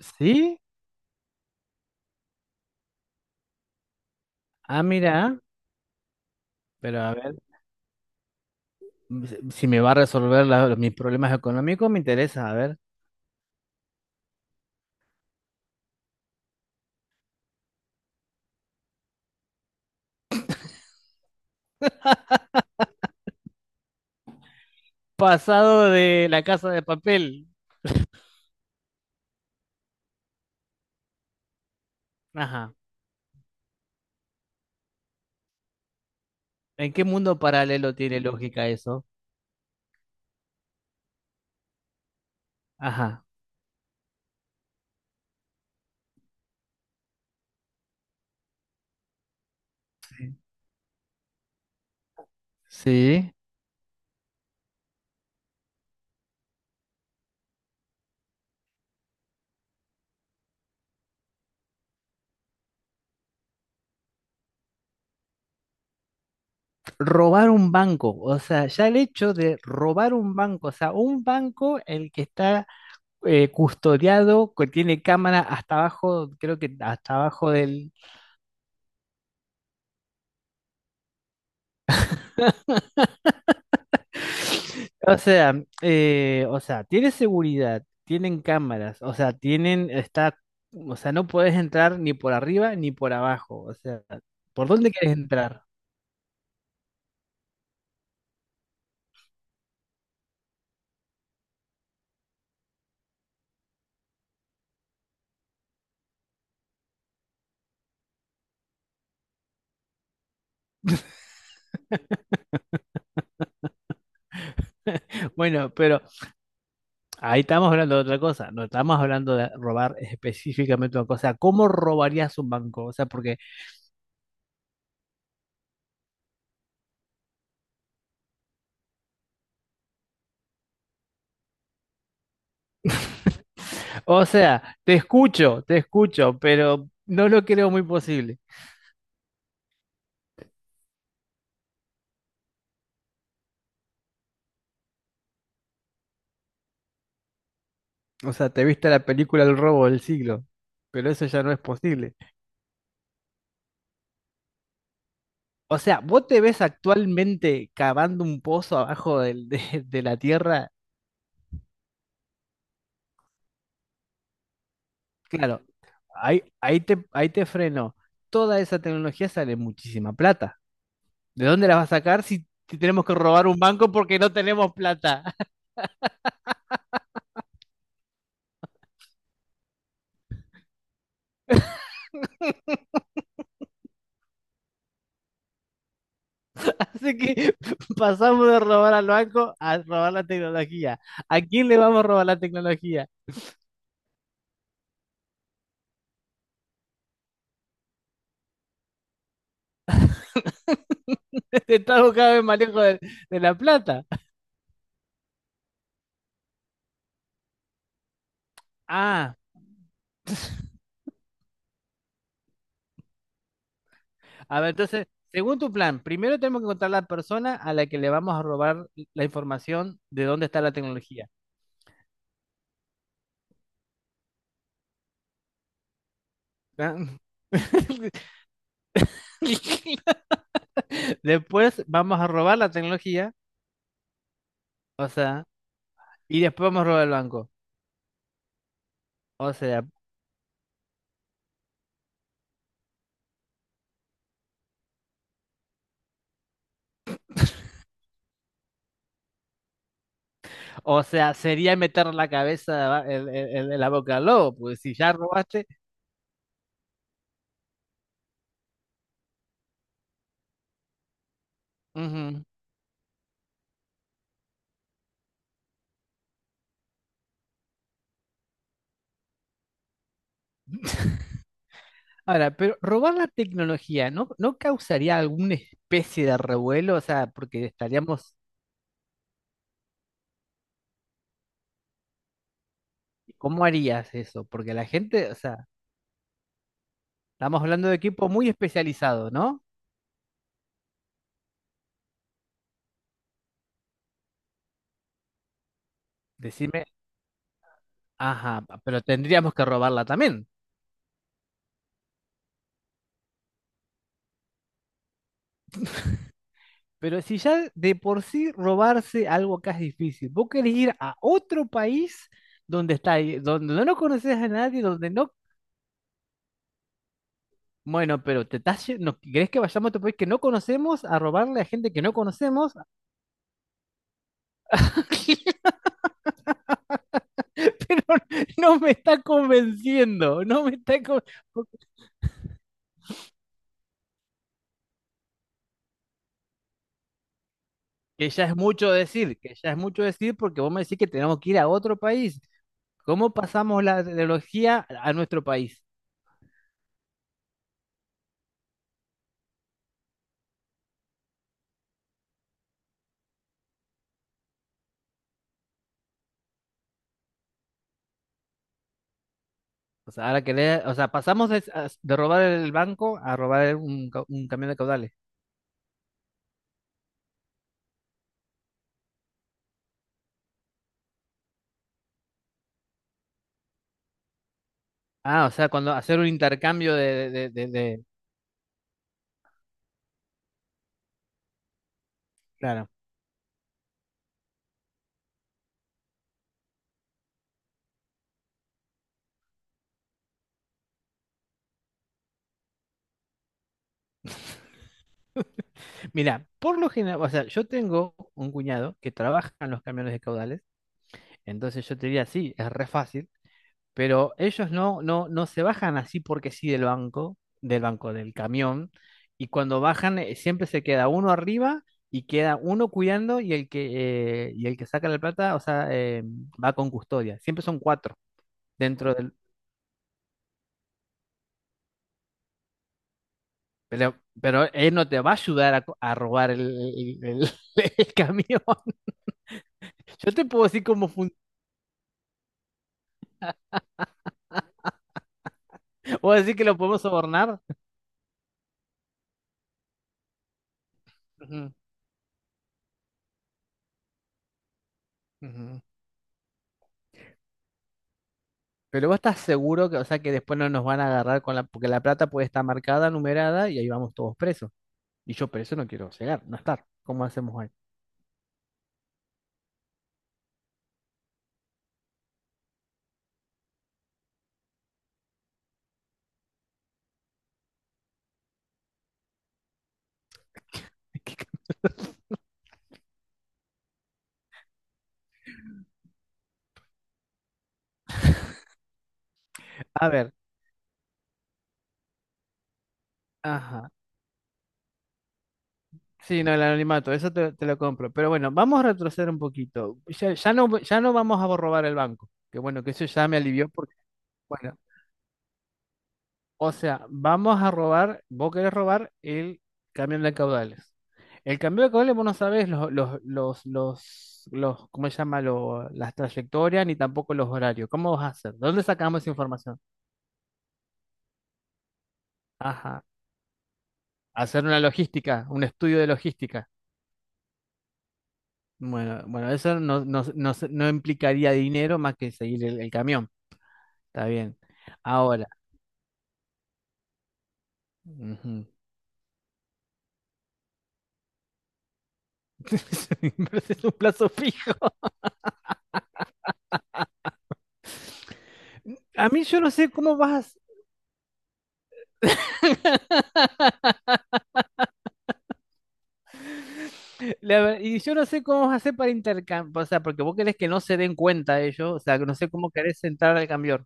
Sí, ah, mira, pero a ver, si me va a resolver mis problemas económicos, me interesa, a ver. Pasado de la casa de papel. Ajá. ¿En qué mundo paralelo tiene lógica eso? Ajá. Sí. Robar un banco. O sea, ya el hecho de robar un banco, o sea, un banco el que está custodiado, que tiene cámara hasta abajo, creo que hasta abajo del. O sea, o sea, tiene seguridad, tienen cámaras, o sea, tienen, está, o sea, no puedes entrar ni por arriba ni por abajo, o sea, ¿por dónde quieres entrar? Bueno, pero ahí estamos hablando de otra cosa, no estamos hablando de robar específicamente una cosa. ¿Cómo robarías un banco? O sea, porque, o sea, te escucho, pero no lo creo muy posible. O sea, te viste la película El robo del siglo, pero eso ya no es posible. O sea, ¿vos te ves actualmente cavando un pozo abajo de la tierra? Claro, ahí te freno. Toda esa tecnología sale muchísima plata. ¿De dónde la vas a sacar si, tenemos que robar un banco porque no tenemos plata? Así que pasamos de robar al banco a robar la tecnología. ¿A quién le vamos a robar la tecnología? Estamos cada vez más lejos de la plata. Ah. A ver, entonces, según tu plan, primero tenemos que encontrar la persona a la que le vamos a robar la información de dónde está la tecnología. ¿Ah? Después vamos a robar la tecnología, o sea, y después vamos a robar el banco. O sea, o sea, sería meter la cabeza en la boca al lobo, pues si ya robaste. Ujú. Ahora, pero robar la tecnología, ¿no, no causaría alguna especie de revuelo? O sea, porque estaríamos, ¿cómo harías eso? Porque la gente, o sea... Estamos hablando de equipo muy especializado, ¿no? Decime, ajá, pero tendríamos que robarla también. Pero si ya de por sí robarse algo acá es difícil, vos querés ir a otro país donde está, donde no conoces a nadie, donde no, bueno, pero te estás, no, ¿querés que vayamos a otro país que no conocemos a robarle a gente que no conocemos? Pero no me está convenciendo, no me está que ya es mucho decir, que ya es mucho decir porque vos me decís que tenemos que ir a otro país. ¿Cómo pasamos la tecnología a nuestro país? O sea, ahora que o sea, pasamos de, de robar el banco a robar un, un camión de caudales. Ah, o sea, cuando hacer un intercambio de, claro. Mira, por lo general, o sea, yo tengo un cuñado que trabaja en los camiones de caudales, entonces yo te diría, sí, es re fácil. Pero ellos no se bajan así porque sí del banco, del camión, y cuando bajan siempre se queda uno arriba y queda uno cuidando y el que, el que saca la plata, o sea, va con custodia. Siempre son cuatro dentro del... pero él no te va a ayudar a, a robar el- el- el camión. Yo te puedo decir cómo funciona. ¿Vos decís que lo podemos sobornar? Ujú, ujú. Pero vos estás seguro que, o sea, que después no nos van a agarrar con la, porque la plata puede estar marcada, numerada, y ahí vamos todos presos. Y yo preso no quiero llegar, no estar. ¿Cómo hacemos ahí? A ver, ajá. Sí, no, el anonimato, eso te, te lo compro. Pero bueno, vamos a retroceder un poquito. Ya no, ya no vamos a robar el banco. Que bueno, que eso ya me alivió porque, bueno. O sea, vamos a robar, vos querés robar el camión de caudales. El camión de caudales vos no sabés ¿cómo se llama? Las trayectorias ni tampoco los horarios. ¿Cómo vas a hacer? ¿De dónde sacamos esa información? Ajá. Hacer una logística, un estudio de logística. Bueno, bueno, eso no implicaría dinero más que seguir el camión. Está bien. Ahora. Ujú. Me parece un plazo fijo. A mí yo no sé cómo vas. Y yo no sé cómo vas a hacer para intercambiar, o sea, porque vos querés que no se den cuenta ellos, o sea, que no sé cómo querés entrar al cambiar.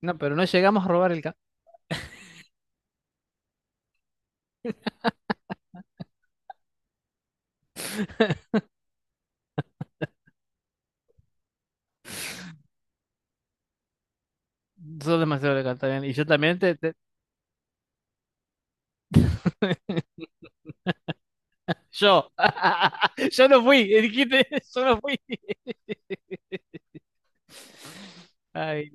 No, pero no llegamos a robar el camión. Sos demasiado legal también. Y yo también Yo. Yo no fui. Dijiste, yo no fui. Ay,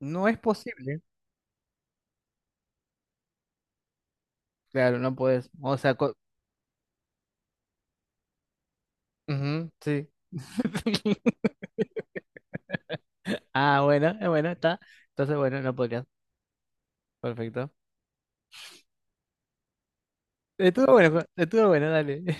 no es posible. Claro, no puedes. O sea, ujú, sí. Ah, bueno, está. Entonces, bueno, no podrías. Perfecto. Estuvo bueno, Juan, estuvo bueno, dale.